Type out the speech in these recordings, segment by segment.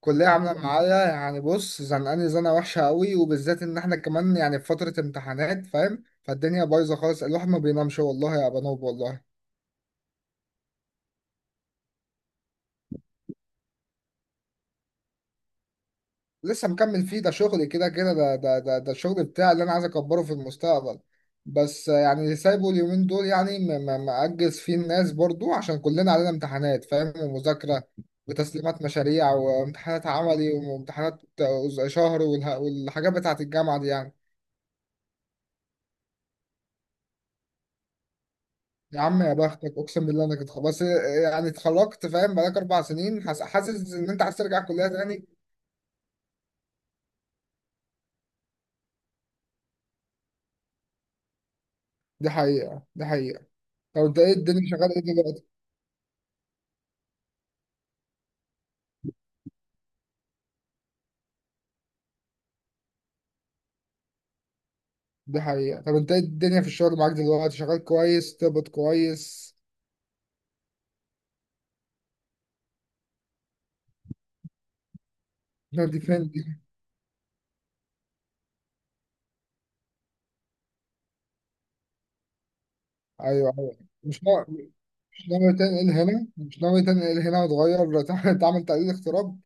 كلية عاملة معايا يعني بص، زنقاني زنقة وحشة قوي، وبالذات إن إحنا كمان يعني في فترة امتحانات فاهم. فالدنيا بايظة خالص، الواحد ما بينامش والله يا بنوب والله. لسه مكمل فيه، ده شغل كده كده، ده الشغل بتاعي اللي أنا عايز أكبره في المستقبل. بس يعني سايبه اليومين دول يعني مأجز فيه الناس برضو عشان كلنا علينا امتحانات فاهم، ومذاكرة وتسليمات مشاريع وامتحانات عملي وامتحانات شهر والحاجات بتاعة الجامعة دي يعني. يا عم يا بختك، اقسم بالله انا كنت خلاص يعني اتخرجت فاهم، بقالك 4 سنين حاسس ان انت عايز ترجع كليه تاني. دي حقيقه دي حقيقه. طب انت ايه الدنيا شغال ايه دلوقتي؟ دي حقيقه. طب انت ايه الدنيا في الشغل معاك دلوقتي، شغال كويس، تقبض كويس؟ نو، دي فين دي؟ ايوه ايوه. مش نا... مش ناوي تنقل هنا وتغير، تعمل تقليل اغتراب؟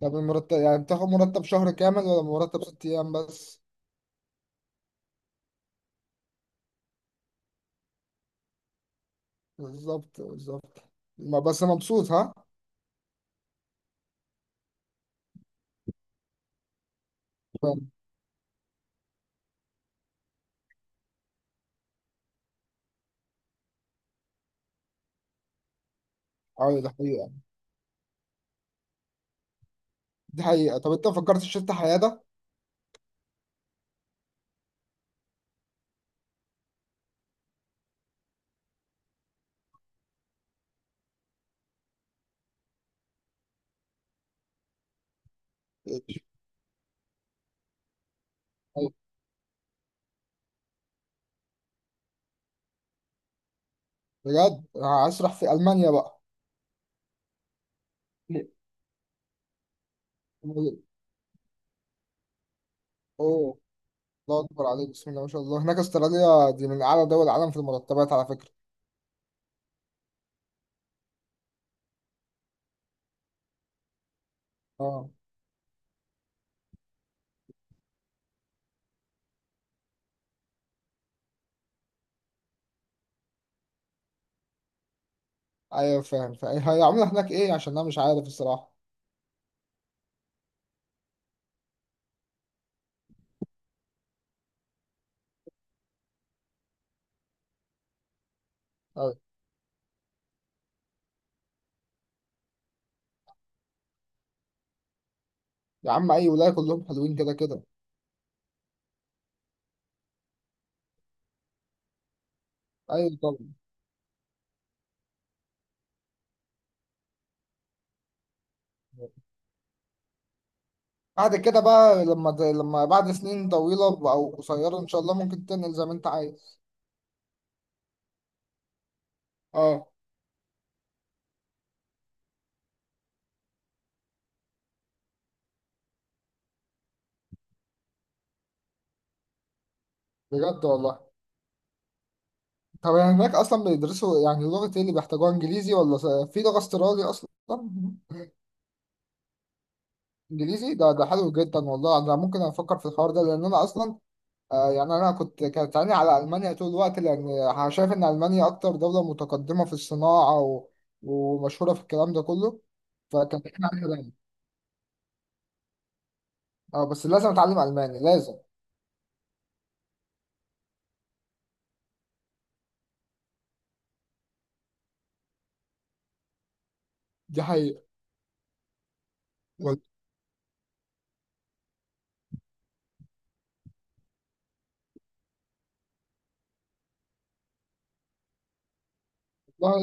طب المرتب يعني بتاخد مرتب شهر كامل ولا مرتب 6 ايام بس؟ بالظبط بالظبط. بس مبسوط ها؟ فاهم. ايوه ده حقيقة. دي حقيقة. طب انت فكرت في شفت حياة ده؟ بجد، هشرح في ألمانيا بقى؟ اوه، الله أكبر عليك، بسم الله ما شاء الله. هناك استراليا دي من أعلى دول العالم في المرتبات على فكرة. اه، ايوه فاهم. فهي عاملة هناك ايه؟ عشان انا مش عارف الصراحة. أيوة. يا عم، اي ولاية كلهم حلوين كده كده. ايوه طبعا. بعد كده بقى، لما بعد سنين طويلة او قصيرة ان شاء الله ممكن تنقل زي ما انت عايز. اه، بجد والله؟ طب يعني هناك اصلا بيدرسوا يعني لغة ايه اللي بيحتاجوها، انجليزي ولا في لغة استرالي اصلا؟ انجليزي؟ ده حلو جدا والله. انا ممكن افكر في الحوار ده، لان انا اصلا، يعني انا كانت عيني على المانيا طول الوقت، لان شايف ان المانيا اكتر دولة متقدمة في الصناعة ومشهورة في الكلام ده كله، فكان عيني عليها دايما. اه بس لازم اتعلم الماني لازم. دي حقيقة والله.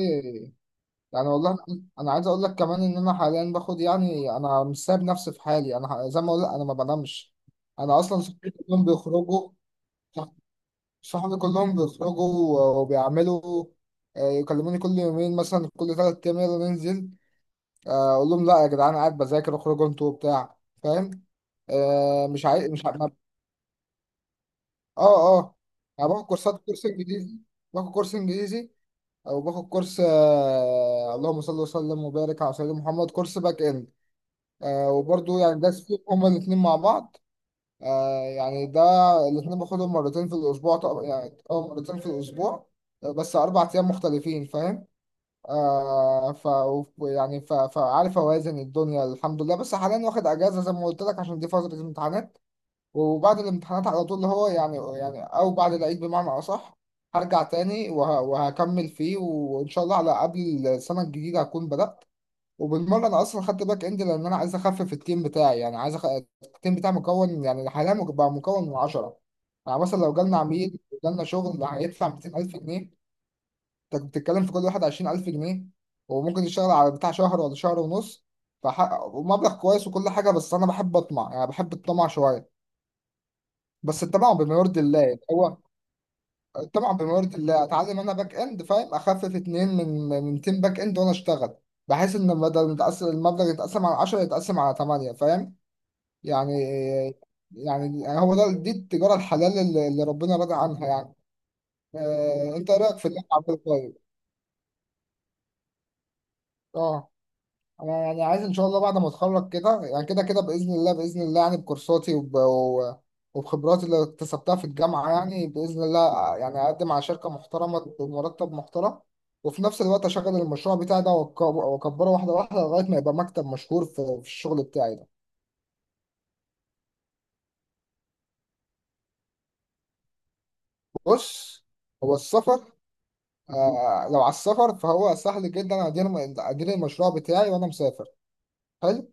يعني والله، انا عايز اقول لك كمان ان انا حاليا باخد، يعني انا مش سايب نفسي في حالي، انا زي ما اقول لك انا ما بنامش. انا اصلا صحابي كلهم بيخرجوا. صح- صحابي كلهم بيخرجوا وبيعملوا، يكلموني كل يومين مثلا كل 3 ايام يلا ننزل، اقول لهم لا يا جدعان، قاعد بذاكر، اخرجوا انتوا وبتاع، فاهم. مش عايز مش ع- ما- اه اه. انا باخد كورسات، كورس انجليزي. باخد كورس انجليزي، او باخد كورس، اللهم صل وسلم وبارك على سيدنا محمد، كورس باك اند. آه، وبرضو يعني داس فيهم هما الاتنين مع بعض. آه يعني ده، الاتنين باخدهم مرتين في الأسبوع طبعا، يعني أو مرتين في الأسبوع، بس 4 أيام مختلفين فاهم. آه ف يعني فعارف أوازن الدنيا الحمد لله. بس حاليا واخد أجازة زي ما قلت لك، عشان دي فترة امتحانات. وبعد الامتحانات على طول اللي هو يعني، أو بعد العيد بمعنى أصح، هرجع تاني وهكمل فيه، وإن شاء الله على قبل السنة الجديدة هكون بدأت. وبالمره انا اصلا خدت باك اند، لان انا عايز اخفف التيم بتاعي، يعني عايز التيم بتاعي مكون يعني حاليا، بقى مكون من 10. يعني مثلا لو جالنا عميل وجالنا شغل هيدفع 200000 جنيه، انت بتتكلم في كل واحد 20000 جنيه، وممكن يشتغل على بتاع شهر ولا شهر ونص. ومبلغ كويس وكل حاجه، بس انا بحب اطمع، يعني بحب الطمع شويه، بس الطمع بما يرضي الله. هو طبعا بمرض الله، اتعلم انا باك اند فاهم، اخفف اتنين من تيم باك اند وانا اشتغل، بحيث ان بدل متقسم المبلغ يتقسم على 10 يتقسم على 8، فاهم. يعني، هو ده، دي التجاره الحلال اللي ربنا راضي عنها يعني. انت إيه رايك في اللي أنا عبد القادر؟ اه. انا يعني عايز ان شاء الله بعد ما اتخرج كده، يعني كده كده باذن الله باذن الله، يعني بكورساتي وبخبراتي اللي اكتسبتها في الجامعه يعني، باذن الله يعني اقدم على شركه محترمه بمرتب محترم. وفي نفس الوقت اشغل المشروع بتاعي ده، واكبره واحده واحده لغايه ما يبقى مكتب مشهور في الشغل بتاعي ده. بص، هو السفر آه، لو على السفر فهو سهل جدا. ادير المشروع بتاعي وانا مسافر. حلو؟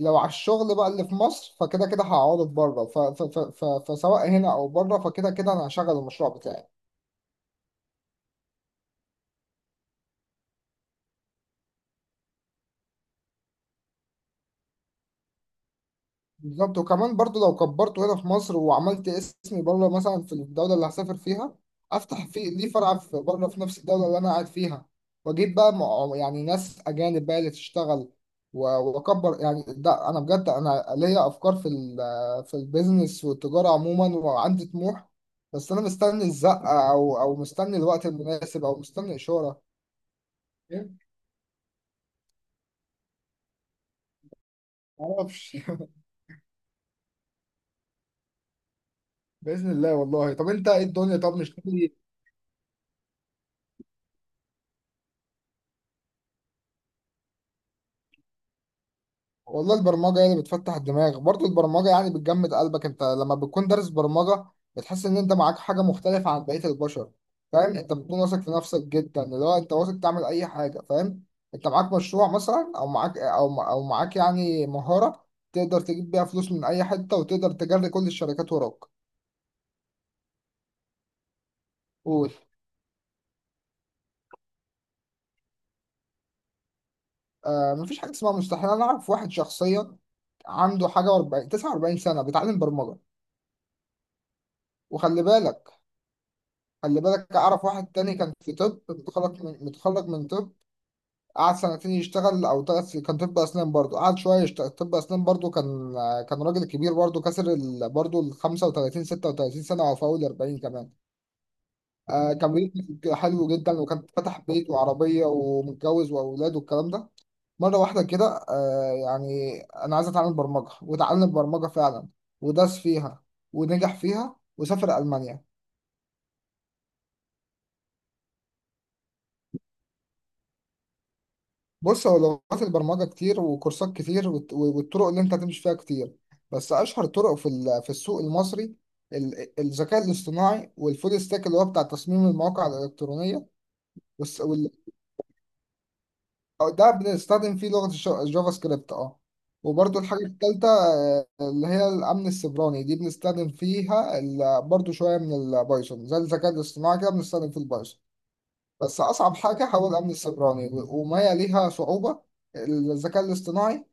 لو على الشغل بقى اللي في مصر، فكده كده هعوض بره، فسواء هنا او بره فكده كده انا هشغل المشروع بتاعي. بالظبط. وكمان برضو لو كبرته هنا في مصر وعملت اسمي بره، مثلا في الدولة اللي هسافر فيها افتح في ليه فرع في بره، في نفس الدولة اللي انا قاعد فيها، واجيب بقى يعني ناس اجانب بقى اللي تشتغل و- واكبر. يعني ده انا بجد، انا ليا افكار في البيزنس والتجارة عموما، وعندي طموح. بس انا مستني الزقة، او مستني الوقت المناسب، او مستني اشارة. إيه؟ معرفش بإذن الله والله. طب انت ايه الدنيا، طب مش ناوي؟ والله البرمجة هي اللي بتفتح الدماغ برضه، البرمجة يعني بتجمد قلبك. انت لما بتكون دارس برمجة بتحس ان انت معاك حاجة مختلفة عن بقية البشر، فاهم. انت بتكون واثق في نفسك جدا، اللي هو انت واثق تعمل اي حاجة فاهم. انت معاك مشروع مثلا، او معاك، او معاك يعني مهارة تقدر تجيب بيها فلوس من اي حتة، وتقدر تجري كل الشركات وراك. قول. آه، مفيش حاجة اسمها مستحيل. انا اعرف واحد شخصيا عنده حاجة 40 49 سنة بيتعلم برمجة. وخلي بالك، خلي بالك أعرف واحد تاني كان في طب، متخرج متخرج من طب. قعد سنتين يشتغل أو 3 سنين، كان طب أسنان برضو. قعد شوية يشتغل طب أسنان برضو، كان راجل كبير برضو، كسر برضو ال 35 36 سنة أو فوق ال 40 كمان. آه كان بيت حلو جدا، وكان فتح بيت وعربية ومتجوز وأولاد والكلام ده. مرة واحدة كده آه، يعني أنا عايز أتعلم برمجة، وتعلم برمجة فعلا، ودرس فيها ونجح فيها، وسافر ألمانيا. بص، هو لغات البرمجة كتير وكورسات كتير، والطرق اللي انت هتمشي فيها كتير. بس أشهر طرق في السوق المصري، الذكاء الاصطناعي، والفول ستاك اللي هو بتاع تصميم المواقع الإلكترونية، والس- وال- أو ده بنستخدم فيه لغة الجافا سكريبت اه. وبرده الحاجة التالتة، اللي هي الأمن السيبراني، دي بنستخدم فيها برضو شوية من البايثون، زي الذكاء الاصطناعي كده بنستخدم فيه البايثون. بس أصعب حاجة هو الأمن السيبراني، وما هي ليها صعوبة الذكاء الاصطناعي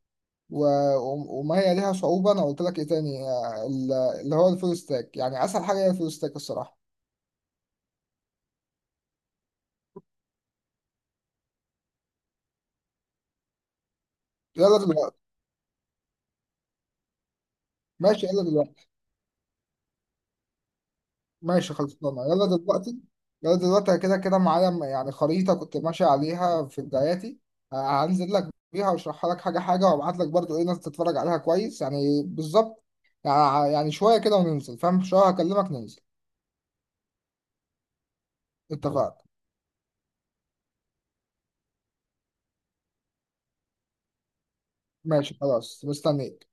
وما هي ليها صعوبة. أنا قلت لك إيه تاني؟ اللي هو الفول ستاك. يعني أسهل حاجة هي الفول ستاك الصراحة. يلا دلوقتي. ماشي يلا دلوقتي. ماشي خلصنا يلا دلوقتي. يلا دلوقتي أنا كده كده معايا يعني خريطة كنت ماشي عليها في بداياتي، هنزل لك بيها وأشرحها لك حاجة حاجة، وأبعت لك برضو إيه ناس تتفرج عليها كويس، يعني بالظبط. يعني، شوية كده وننزل فاهم، شوية هكلمك ننزل. اتفقنا. ماشي خلاص مستنيك.